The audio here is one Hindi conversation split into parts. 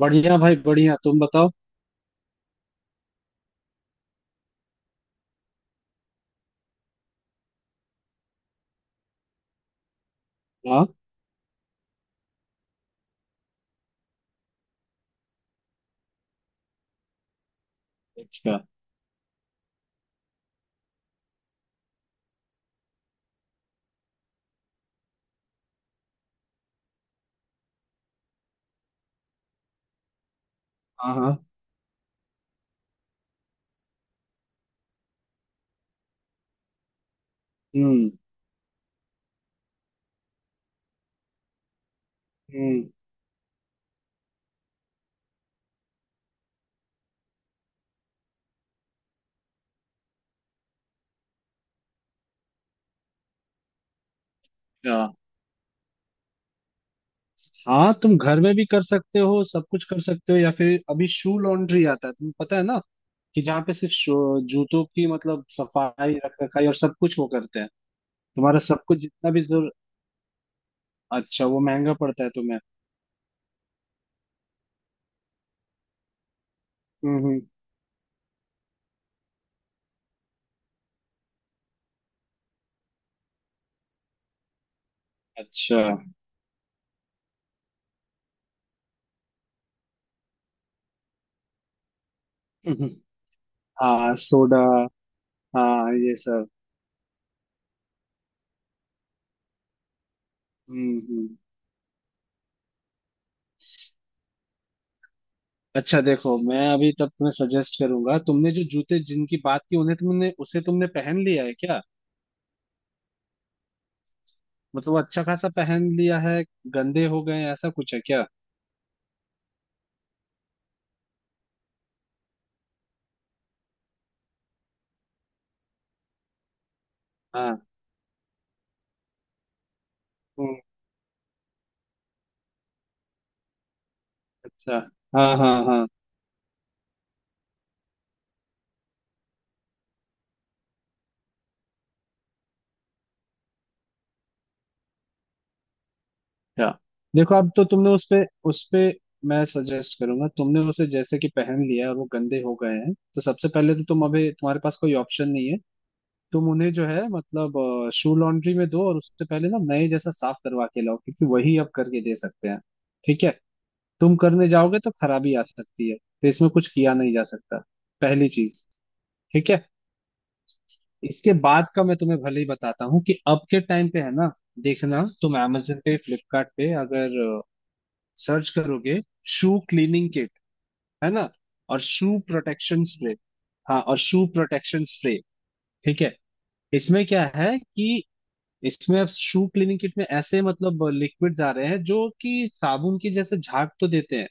बढ़िया भाई बढ़िया। तुम बताओ। हाँ। अच्छा। हाँ हाँ। हम्म हम्म अच्छा। हाँ तुम घर में भी कर सकते हो, सब कुछ कर सकते हो, या फिर अभी शू लॉन्ड्री आता है, तुम्हें पता है ना कि जहाँ पे सिर्फ जूतों की मतलब सफाई रख रखाई और सब कुछ वो करते हैं। तुम्हारा सब कुछ जितना भी जरूर। अच्छा वो महंगा पड़ता है तुम्हें। हम्म हम्म अच्छा। हम्म, हाँ सोडा। हाँ ये सब। हम्म हम्म अच्छा, देखो मैं अभी तब तुम्हें सजेस्ट करूंगा। तुमने जो जूते जिनकी बात की उन्हें तुमने उसे तुमने पहन लिया है क्या? मतलब वो अच्छा खासा पहन लिया है। गंदे हो गए हैं, ऐसा कुछ है क्या? हाँ। हम्म, अच्छा। हाँ हाँ हाँ। क्या, देखो अब तो तुमने उस पे मैं सजेस्ट करूंगा। तुमने उसे जैसे कि पहन लिया है और वो गंदे हो गए हैं तो सबसे पहले तो तुम, अभी तुम्हारे पास कोई ऑप्शन नहीं है। तुम उन्हें जो है मतलब शू लॉन्ड्री में दो और उससे पहले ना नए जैसा साफ करवा के लाओ क्योंकि वही अब करके दे सकते हैं, ठीक है। तुम करने जाओगे तो खराबी आ सकती है, तो इसमें कुछ किया नहीं जा सकता, पहली चीज। ठीक है, इसके बाद का मैं तुम्हें भले ही बताता हूँ कि अब के टाइम पे है ना, देखना तुम amazon पे, फ्लिपकार्ट पे अगर सर्च करोगे, शू क्लीनिंग किट, है ना, और शू प्रोटेक्शन स्प्रे। हाँ, और शू प्रोटेक्शन स्प्रे, ठीक है। इसमें क्या है कि इसमें अब शू क्लीनिंग किट में ऐसे मतलब लिक्विड्स आ रहे हैं जो कि साबुन की जैसे झाग तो देते हैं,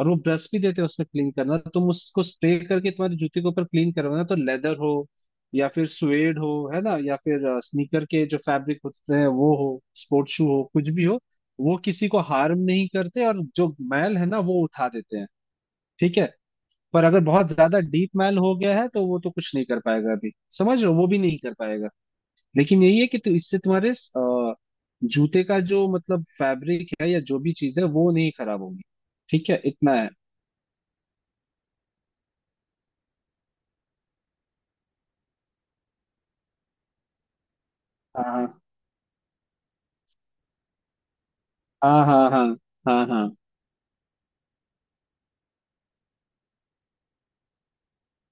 और वो ब्रश भी देते हैं उसमें। क्लीन करना, तुम उसको स्प्रे करके तुम्हारे जूते के ऊपर क्लीन करवाना, तो लेदर हो या फिर स्वेड हो, है ना, या फिर स्नीकर के जो फैब्रिक होते हैं वो हो, स्पोर्ट शू हो, कुछ भी हो, वो किसी को हार्म नहीं करते और जो मैल है ना वो उठा देते हैं, ठीक है। पर अगर बहुत ज्यादा डीप मैल हो गया है तो वो तो कुछ नहीं कर पाएगा अभी, समझ रहे हो, वो भी नहीं कर पाएगा। लेकिन यही है कि इससे तुम्हारे जूते का जो मतलब फैब्रिक है या जो भी चीज है वो नहीं खराब होगी, ठीक है, इतना है। हाँ हाँ। हाँ हाँ हाँ। हाँ हाँ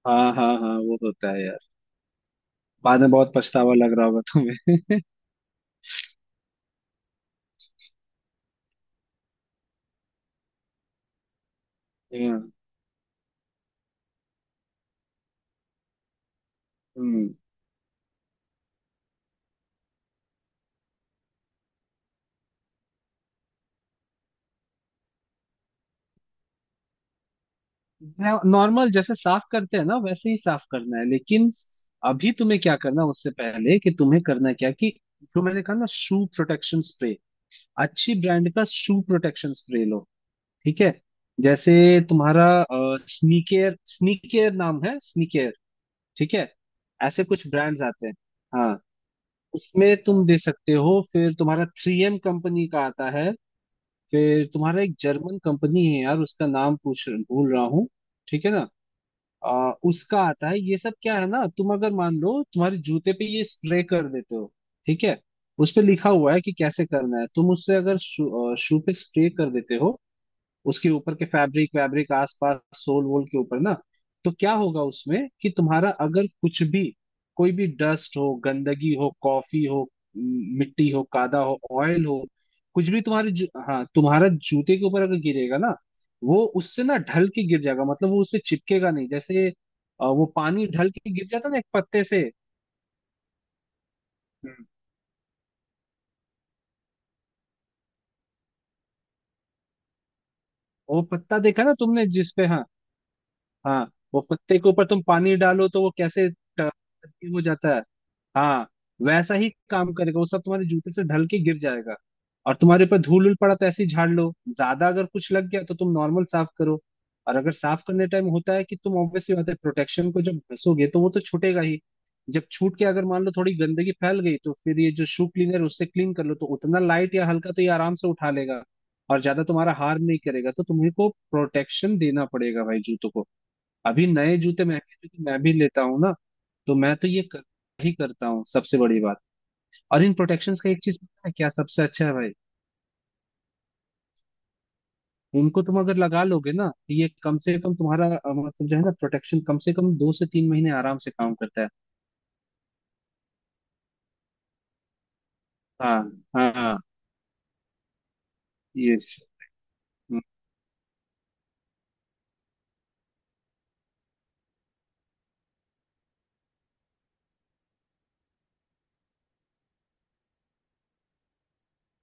हाँ। हाँ हाँ वो होता है यार। बाद में बहुत पछतावा लग रहा होगा तुम्हें। हाँ, हम्म नॉर्मल जैसे साफ करते हैं ना वैसे ही साफ करना है, लेकिन अभी तुम्हें क्या करना है, उससे पहले कि तुम्हें करना क्या कि जो मैंने कहा ना, शू प्रोटेक्शन स्प्रे, अच्छी ब्रांड का शू प्रोटेक्शन स्प्रे लो, ठीक है। जैसे तुम्हारा स्नीकेयर स्नीकेयर नाम है, स्नीकेयर, ठीक है, ऐसे कुछ ब्रांड्स आते हैं। हाँ। उसमें तुम दे सकते हो, फिर तुम्हारा थ्री एम कंपनी का आता है, फिर तुम्हारा एक जर्मन कंपनी है यार उसका नाम पूछ भूल रहा हूँ, ठीक है ना, उसका आता है। ये सब क्या है ना, तुम अगर मान लो तुम्हारे जूते पे ये स्प्रे कर देते हो, ठीक है, उस पे लिखा हुआ है कि कैसे करना है। तुम उससे अगर शू पे स्प्रे कर देते हो उसके ऊपर के फैब्रिक वैब्रिक आसपास सोल वोल के ऊपर ना, तो क्या होगा उसमें कि तुम्हारा अगर कुछ भी, कोई भी डस्ट हो, गंदगी हो, कॉफी हो, म, मिट्टी हो, कादा हो, ऑयल हो, कुछ भी तुम्हारे हाँ तुम्हारा जूते के ऊपर अगर गिरेगा ना, वो उससे ना ढल के गिर जाएगा, मतलब वो उससे चिपकेगा नहीं। जैसे वो पानी ढल के गिर जाता ना एक पत्ते से। हम्म, वो पत्ता देखा ना तुमने, जिसपे हाँ हाँ वो कुत्ते के ऊपर तुम पानी डालो तो वो कैसे ट- हो जाता है। हाँ, वैसा ही काम करेगा, वो सब तुम्हारे जूते से ढल के गिर जाएगा। और तुम्हारे ऊपर धूल उल पड़ा तो ऐसे ही झाड़ लो, ज्यादा अगर कुछ लग गया तो तुम नॉर्मल साफ करो। और अगर साफ करने टाइम होता है कि तुम ऑब्वियसली बात है प्रोटेक्शन को जब घसोगे तो वो तो छूटेगा ही। जब छूट के अगर मान लो थोड़ी गंदगी फैल गई तो फिर ये जो शू क्लीनर है उससे क्लीन कर लो, तो उतना लाइट या हल्का तो ये आराम से उठा लेगा, और ज्यादा तुम्हारा हार्म नहीं करेगा। तो तुम्हें को प्रोटेक्शन देना पड़ेगा भाई जूतों को। अभी नए जूते, महंगे जूते मैं भी लेता हूँ ना, तो मैं तो ही करता हूँ, सबसे बड़ी बात। और इन प्रोटेक्शंस का एक चीज पता है क्या सबसे अच्छा है भाई, इनको तुम अगर लगा लोगे ना तो ये कम से कम तुम्हारा मतलब जो है ना प्रोटेक्शन कम से कम दो से तीन महीने आराम से काम करता है। हाँ हाँ हाँ, ये हम्म,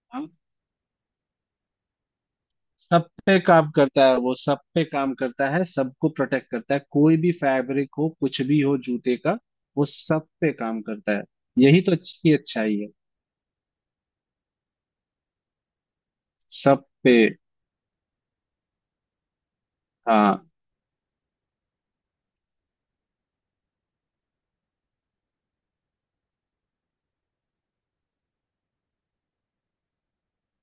हाँ, हाँ, सब पे काम करता है, वो सब पे काम करता है, सबको प्रोटेक्ट करता है, कोई भी फैब्रिक हो, कुछ भी हो जूते का, वो सब पे काम करता है। यही तो अच्छी अच्छाई है। सब पे। हाँ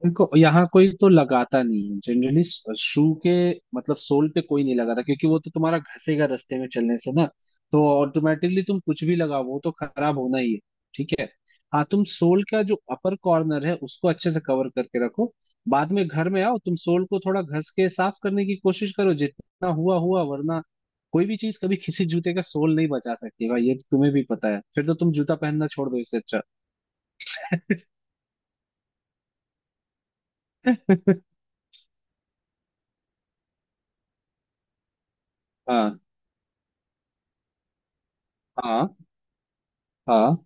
देखो यहाँ कोई तो लगाता नहीं है जनरली, शू के मतलब सोल पे कोई नहीं लगाता क्योंकि वो तो तुम्हारा घसेगा रास्ते में चलने से ना, तो ऑटोमेटिकली तुम कुछ भी लगाओ वो तो खराब होना ही है, ठीक है। हाँ, तुम सोल का जो अपर कॉर्नर है उसको अच्छे से कवर करके रखो, बाद में घर में आओ तुम सोल को थोड़ा घस के साफ करने की कोशिश करो, जितना हुआ हुआ, वरना कोई भी चीज कभी किसी जूते का सोल नहीं बचा सकती भाई, ये तो तुम्हें भी पता है, फिर तो तुम जूता पहनना छोड़ दो इससे अच्छा। हाँ हाँ हाँ,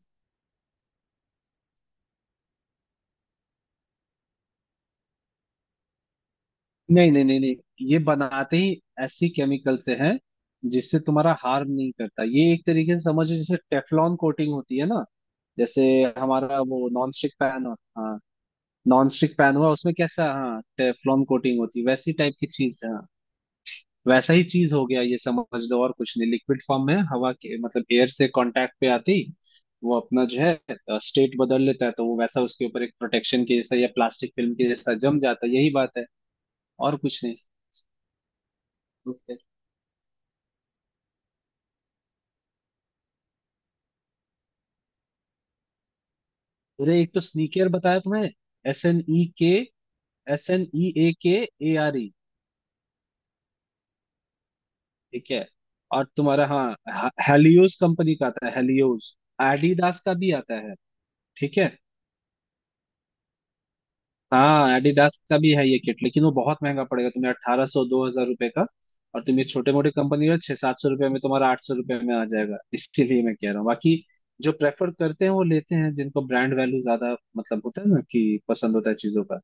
नहीं नहीं नहीं नहीं, ये बनाते ही ऐसी केमिकल से है जिससे तुम्हारा हार्म नहीं करता। ये एक तरीके से समझो जैसे टेफलॉन कोटिंग होती है ना, जैसे हमारा वो नॉन स्टिक पैन हो। हाँ, नॉन स्टिक पैन हुआ उसमें कैसा, हाँ टेफलॉन कोटिंग होती है, वैसी टाइप की चीज है, हाँ, वैसा ही चीज हो गया ये, समझ लो और कुछ नहीं। लिक्विड फॉर्म में हवा के मतलब एयर से कांटेक्ट पे आती वो अपना जो है स्टेट बदल लेता है, तो वो वैसा उसके ऊपर एक प्रोटेक्शन के जैसा या प्लास्टिक फिल्म के जैसा जम जाता है, यही बात है और कुछ नहीं। अरे एक तो स्नीकर बताया तुम्हें, S N E K, S N E A K, A R E, ठीक है। और तुम्हारा हाँ हेलियोस कंपनी का आता है, हेलियोस, एडिडास का भी आता है, ठीक है। हाँ एडिडास का भी है ये किट, लेकिन वो बहुत महंगा पड़ेगा तुम्हें, अट्ठारह सौ दो हजार रुपये का। और तुम ये छोटे मोटे कंपनी का छह सात सौ रुपये में, तुम्हारा आठ सौ रुपये में आ जाएगा, इसीलिए मैं कह रहा हूँ। बाकी जो प्रेफर करते हैं वो लेते हैं, जिनको ब्रांड वैल्यू ज्यादा मतलब होता है ना कि पसंद होता है चीजों का।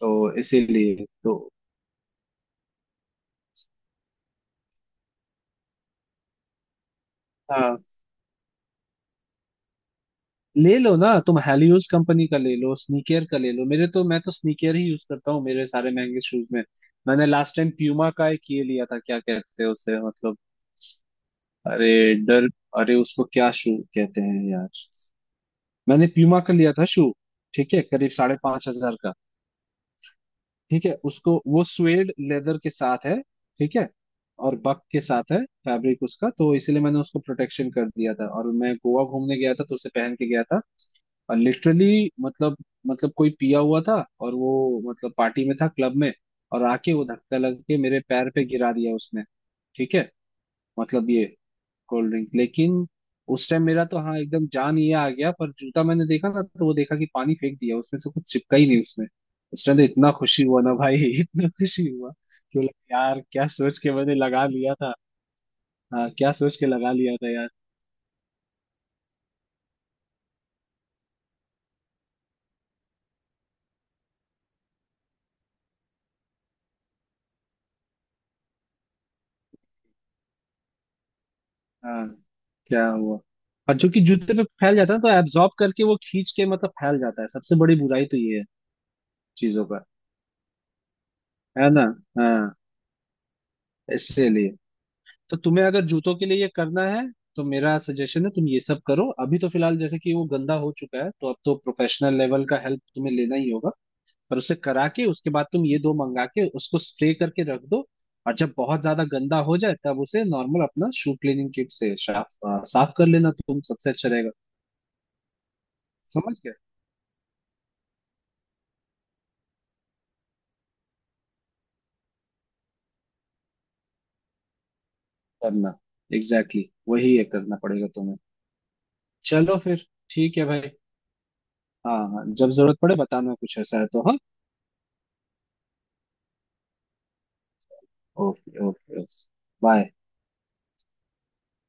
तो इसीलिए तो हाँ ले लो ना तुम, हेलियोस कंपनी का ले लो, स्नीकर का ले लो, मेरे तो मैं तो स्नीकर ही यूज करता हूँ मेरे सारे महंगे शूज में। मैंने लास्ट टाइम प्यूमा का एक ये लिया था, क्या कहते हैं उसे मतलब, अरे, डर, अरे उसको क्या शू कहते हैं यार, मैंने प्यूमा का लिया था शू, ठीक है, करीब साढ़े पांच हजार का, ठीक है। उसको वो स्वेड लेदर के साथ है, ठीक है, और बक के साथ है फैब्रिक उसका, तो इसलिए मैंने उसको प्रोटेक्शन कर दिया था। और मैं गोवा घूमने गया था तो उसे पहन के गया था, और लिटरली मतलब, मतलब कोई पिया हुआ था और वो मतलब पार्टी में था क्लब में, और आके वो धक्का लग के मेरे पैर पे गिरा दिया उसने, ठीक है, मतलब ये कोल्ड ड्रिंक। लेकिन उस टाइम मेरा तो हाँ एकदम जान ये आ गया, पर जूता मैंने देखा था तो वो देखा कि पानी फेंक दिया, उसमें से कुछ चिपका ही नहीं उसमें। उस टाइम तो इतना खुशी हुआ ना भाई, इतना खुशी हुआ कि बोला यार क्या सोच के मैंने लगा लिया था, हाँ क्या सोच के लगा लिया था यार। हाँ। क्या हुआ, और जो कि जूते पे फैल जाता है तो एब्जॉर्ब करके वो खींच के मतलब फैल जाता है, सबसे बड़ी बुराई तो ये है चीजों का, है ना, हाँ, इसलिए तो तुम्हें अगर जूतों के लिए ये करना है तो मेरा सजेशन है तुम ये सब करो। अभी तो फिलहाल जैसे कि वो गंदा हो चुका है तो अब तो प्रोफेशनल लेवल का हेल्प तुम्हें लेना ही होगा, पर उसे करा के उसके बाद तुम ये दो मंगा के उसको स्प्रे करके रख दो। और जब बहुत ज्यादा गंदा हो जाए तब उसे नॉर्मल अपना शू क्लीनिंग किट से साफ साफ कर लेना तुम, सबसे अच्छा रहेगा। समझ करना एग्जैक्टली exactly, वही है, करना पड़ेगा तुम्हें। चलो फिर, ठीक है भाई। हाँ हाँ जब जरूरत पड़े बताना, कुछ ऐसा है तो हाँ। Okay okay. बाय।